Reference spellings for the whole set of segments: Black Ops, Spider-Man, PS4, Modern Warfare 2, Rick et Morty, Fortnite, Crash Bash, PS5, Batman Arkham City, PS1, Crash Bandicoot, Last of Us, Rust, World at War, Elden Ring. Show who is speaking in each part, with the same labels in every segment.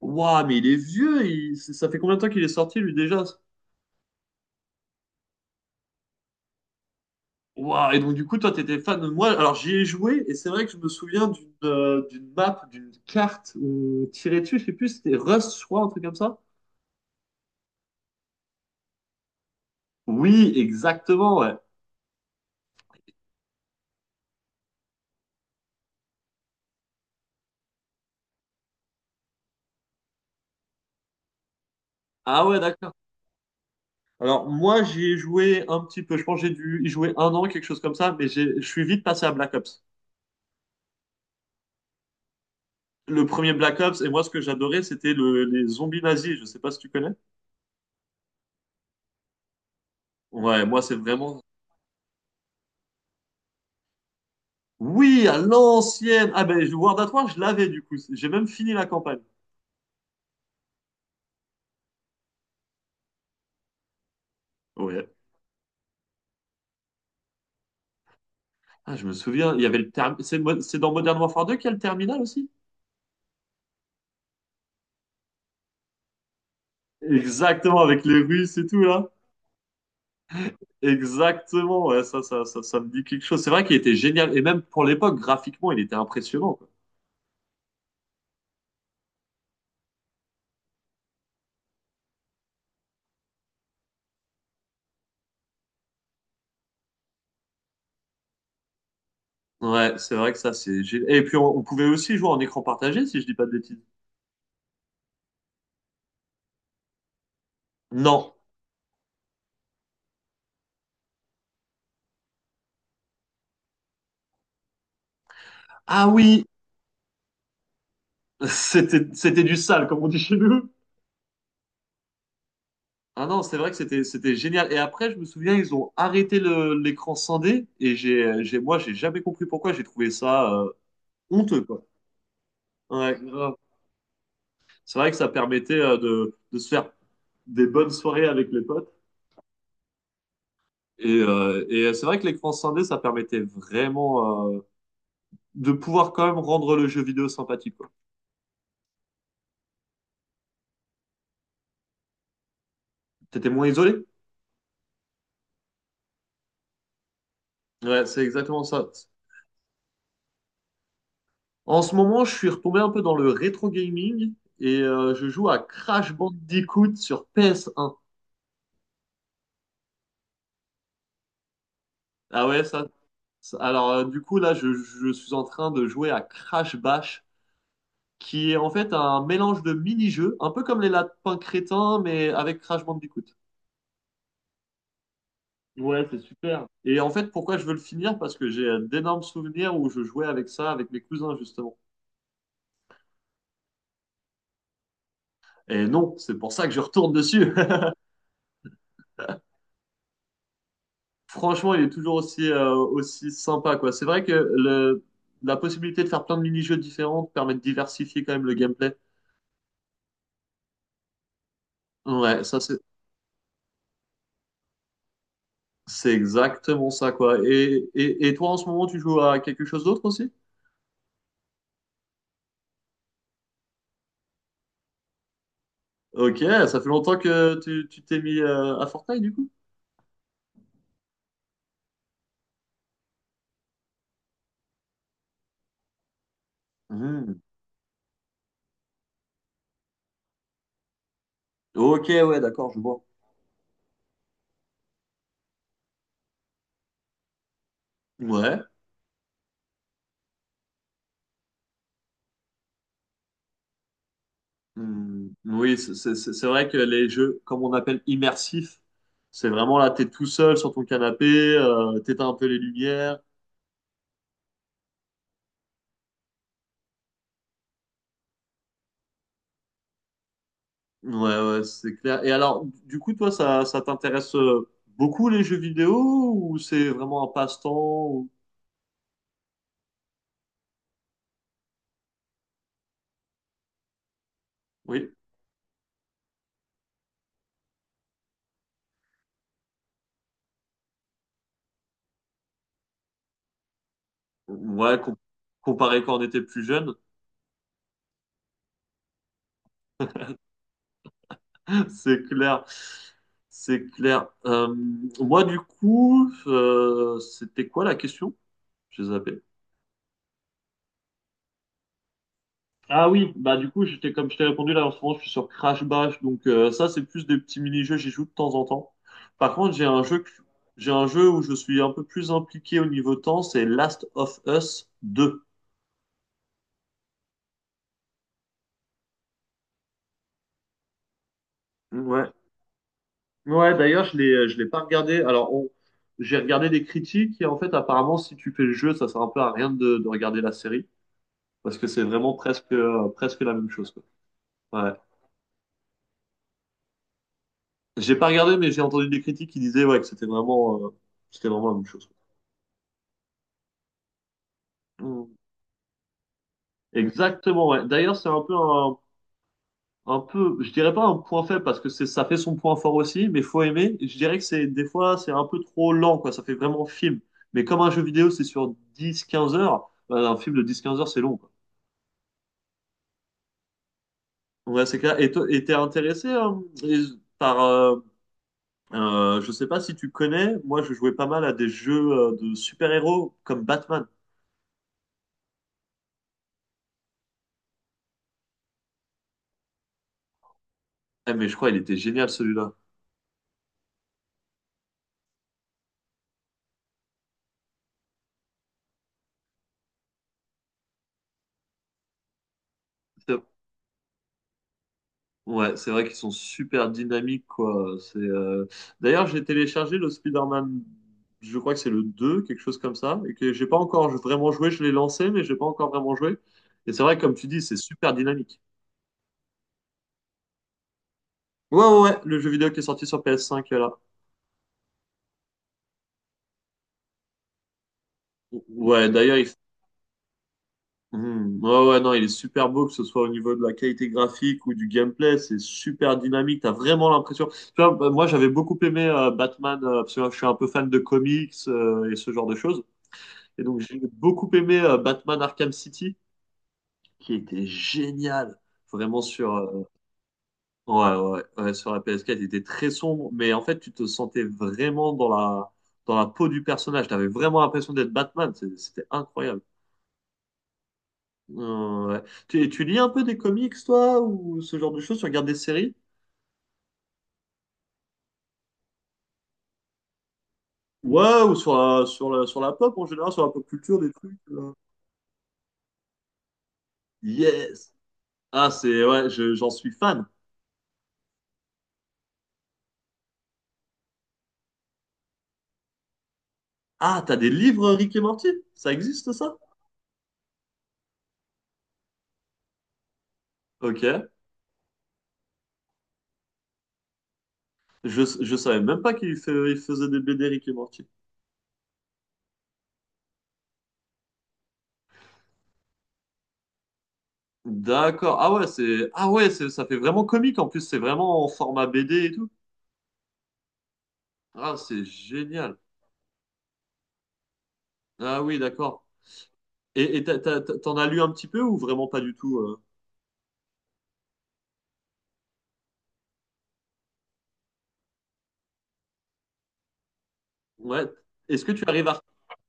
Speaker 1: Ouah, mais il est vieux, ça fait combien de temps qu'il est sorti lui déjà? Ouah, et donc du coup toi t'étais fan de moi. Alors j'y ai joué et c'est vrai que je me souviens d'une d'une map, d'une carte où on tirait dessus, je sais plus, si c'était Rust, je crois, un truc comme ça. Oui, exactement, ouais. Ah ouais, d'accord. Alors moi j'y ai joué un petit peu, je pense que j'ai dû y jouer un an, quelque chose comme ça, mais je suis vite passé à Black Ops. Le premier Black Ops, et moi ce que j'adorais c'était les zombies nazis, je sais pas si tu connais. Ouais, moi c'est vraiment... Oui, à l'ancienne. Ah ben, World at War, je l'avais du coup. J'ai même fini la campagne. Ouais. Ah, je me souviens, il y avait le terme. C'est dans Modern Warfare 2 qu'il y a le terminal aussi? Exactement, avec les Russes et tout là. Exactement, ouais, ça me dit quelque chose. C'est vrai qu'il était génial. Et même pour l'époque, graphiquement, il était impressionnant, quoi. Ouais, c'est vrai que ça, Et puis, on pouvait aussi jouer en écran partagé, si je dis pas de bêtises. Non. Ah oui, c'était du sale, comme on dit chez nous. Ah non, c'est vrai que c'était génial. Et après, je me souviens, ils ont arrêté l'écran scindé et j'ai jamais compris pourquoi. J'ai trouvé ça honteux quoi. Ouais, grave. C'est vrai que ça permettait de se faire des bonnes soirées avec les potes. Et c'est vrai que l'écran scindé, ça permettait vraiment de pouvoir quand même rendre le jeu vidéo sympathique quoi. T'étais moins isolé. Ouais, c'est exactement ça. En ce moment, je suis retombé un peu dans le rétro gaming et je joue à Crash Bandicoot sur PS1. Ah ouais, ça, alors, du coup, là, je suis en train de jouer à Crash Bash, qui est en fait un mélange de mini-jeux, un peu comme les lapins crétins, mais avec Crash Bandicoot. Ouais, c'est super. Et en fait, pourquoi je veux le finir? Parce que j'ai d'énormes souvenirs où je jouais avec ça, avec mes cousins, justement. Et non, c'est pour ça que je retourne dessus. Franchement, il est toujours aussi, aussi sympa, quoi. C'est vrai que la possibilité de faire plein de mini-jeux différents permet de diversifier quand même le gameplay. Ouais, ça, c'est c'est exactement ça, quoi. Et, et toi, en ce moment, tu joues à quelque chose d'autre aussi? Ok, ça fait longtemps que tu t'es mis à Fortnite, du coup? Hmm. Ok, ouais, d'accord, je vois. Ouais. Hmm. Oui, c'est vrai que les jeux, comme on appelle immersifs, c'est vraiment là, t'es tout seul sur ton canapé, t'éteins un peu les lumières. Ouais, ouais, c'est clair. Et alors, du coup, toi, ça t'intéresse beaucoup les jeux vidéo ou c'est vraiment un passe-temps ou- Oui. Ouais, comparé quand on était plus jeune, c'est clair. C'est clair. Moi, du coup, c'était quoi la question? J'ai zappé. Ah oui, bah du coup, j'étais comme je t'ai répondu là en ce moment, je suis sur Crash Bash, donc ça c'est plus des petits mini-jeux, j'y joue de temps en temps. Par contre, j'ai un jeu où je suis un peu plus impliqué au niveau temps, c'est Last of Us deux. Ouais. Ouais, d'ailleurs, je l'ai pas regardé. J'ai regardé des critiques et en fait, apparemment, si tu fais le jeu, ça sert un peu à rien de regarder la série parce que c'est vraiment presque, presque la même chose, quoi. Ouais. J'ai pas regardé, mais j'ai entendu des critiques qui disaient ouais que c'était vraiment la même chose. Quoi. Mm. Exactement, ouais. D'ailleurs, c'est un peu, je dirais pas un point faible parce que c'est, ça fait son point fort aussi, mais faut aimer. Je dirais que c'est un peu trop lent, quoi. Ça fait vraiment film. Mais comme un jeu vidéo, c'est sur dix, quinze heures. Bah, un film de dix, quinze heures, c'est long. Quoi. Ouais, c'est clair. Et et t'es intéressé hein, et- par... je sais pas si tu connais, moi je jouais pas mal à des jeux de super-héros comme Batman. Eh, mais je crois il était génial celui-là. C'est- Ouais, c'est vrai qu'ils sont super dynamiques, quoi. D'ailleurs, j'ai téléchargé le Spider-Man, je crois que c'est le 2 quelque chose comme ça, et que j'ai pas encore vraiment joué. Je l'ai lancé, mais j'ai pas encore vraiment joué. Et c'est vrai, comme tu dis, c'est super dynamique. Ouais, le jeu vidéo qui est sorti sur PS5, là. Ouais, d'ailleurs, il Hmm. Ouais, ouais, non, il est super beau, que ce soit au niveau de la qualité graphique ou du gameplay, c'est super dynamique, t'as vraiment l'impression. Tu vois, bah, moi j'avais beaucoup aimé Batman, parce que je suis un peu fan de comics et ce genre de choses. Et donc j'ai beaucoup aimé Batman Arkham City, qui était génial, vraiment sur, ouais, sur la PS4, il était très sombre, mais en fait tu te sentais vraiment dans dans la peau du personnage, t'avais vraiment l'impression d'être Batman, c'était incroyable. Ouais. Tu lis un peu des comics, toi, ou ce genre de choses? Tu regardes des séries? Ouais, ou sur sur la pop en général, sur la pop culture, des trucs. Yes! Ah, ouais, j'en suis fan. Ah, t'as des livres Rick et Morty? Ça existe, ça? Ok. Je savais même pas il faisait des BD Rick et Morty. D'accord. Ah ouais, ah ouais, ça fait vraiment comique. En plus, c'est vraiment en format BD et tout. Ah, c'est génial. Ah oui, d'accord. Et, t'en as lu un petit peu ou vraiment pas du tout? Euh? Ouais. Est-ce que tu arrives à,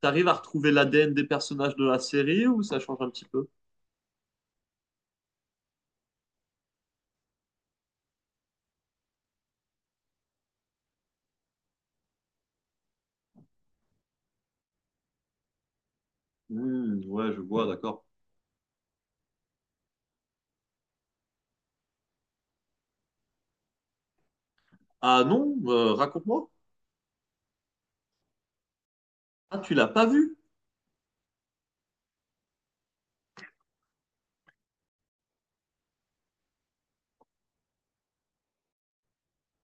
Speaker 1: t'arrives à retrouver l'ADN des personnages de la série ou ça change un petit peu? Hmm, ouais, je vois, d'accord. Ah non, raconte-moi. Ah, tu l'as pas vu?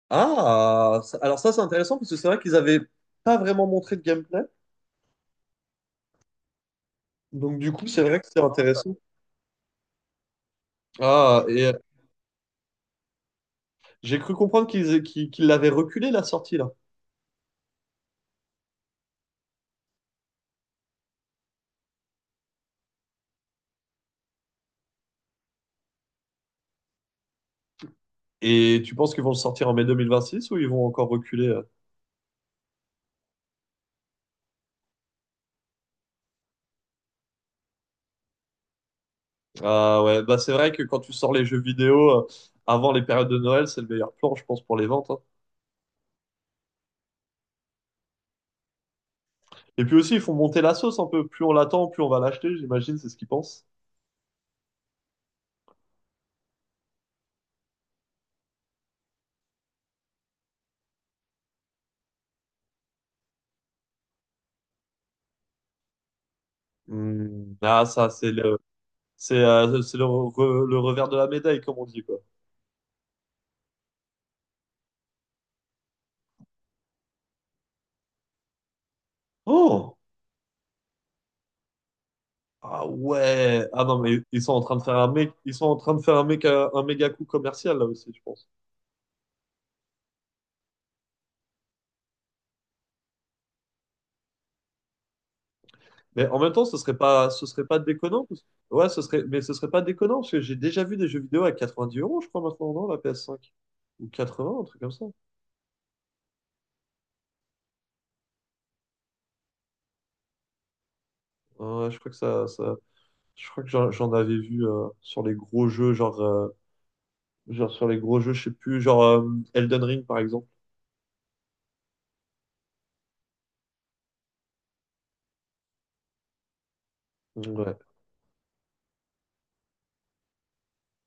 Speaker 1: Ah, alors ça c'est intéressant parce que c'est vrai qu'ils avaient pas vraiment montré de gameplay. Donc du coup, c'est vrai que c'est intéressant. Ah, et j'ai cru comprendre qu'ils l'avaient reculé la sortie là. Et tu penses qu'ils vont le sortir en mai 2026 ou ils vont encore reculer? Ah ouais, bah c'est vrai que quand tu sors les jeux vidéo avant les périodes de Noël, c'est le meilleur plan, je pense, pour les ventes. Hein. Et puis aussi, ils font monter la sauce un peu. Plus on l'attend, plus on va l'acheter, j'imagine, c'est ce qu'ils pensent. Hmm. Ah, ça, c'est le revers de la médaille, comme on dit, quoi. Oh! Ah ouais! Ah non, mais ils sont en train de faire un mec, un méga coup commercial, là aussi, je pense. Mais en même temps, ce serait pas déconnant. Parce- Ouais, mais ce serait pas déconnant, parce que j'ai déjà vu des jeux vidéo à 90 euros, je crois, maintenant, non, la PS5. Ou 80, un truc comme ça. Ouais, je crois que ça... Je crois que j'en avais vu sur les gros jeux, genre, genre sur les gros jeux, je sais plus, genre Elden Ring par exemple. Ouais,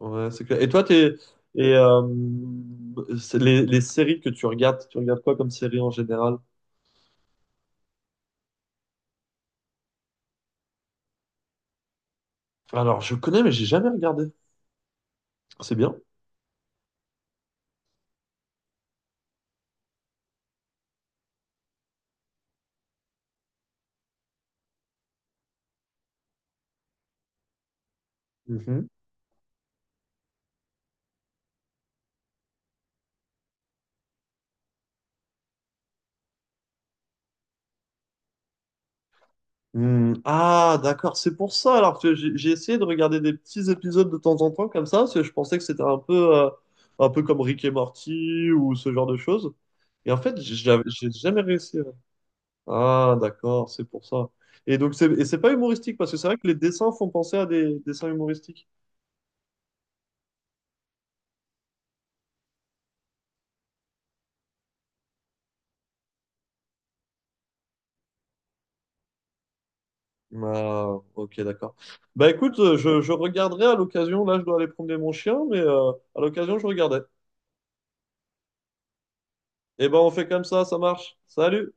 Speaker 1: ouais, c'est clair. Et et c'est les séries que tu regardes quoi comme série en général? Alors, je connais, mais j'ai jamais regardé. C'est bien. Mhm. Hmm, ah, d'accord, c'est pour ça. Alors que j'ai essayé de regarder des petits épisodes de temps en temps comme ça, parce que je pensais que c'était un peu comme Rick et Morty ou ce genre de choses. Et en fait, j'ai jamais réussi. Ah, d'accord, c'est pour ça. Et donc, et c'est pas humoristique, parce que c'est vrai que les dessins font penser à des dessins humoristiques. Ah, ok, d'accord. Bah écoute, je regarderai à l'occasion, là je dois aller promener mon chien, mais à l'occasion je regardais. Et ben on fait comme ça marche. Salut!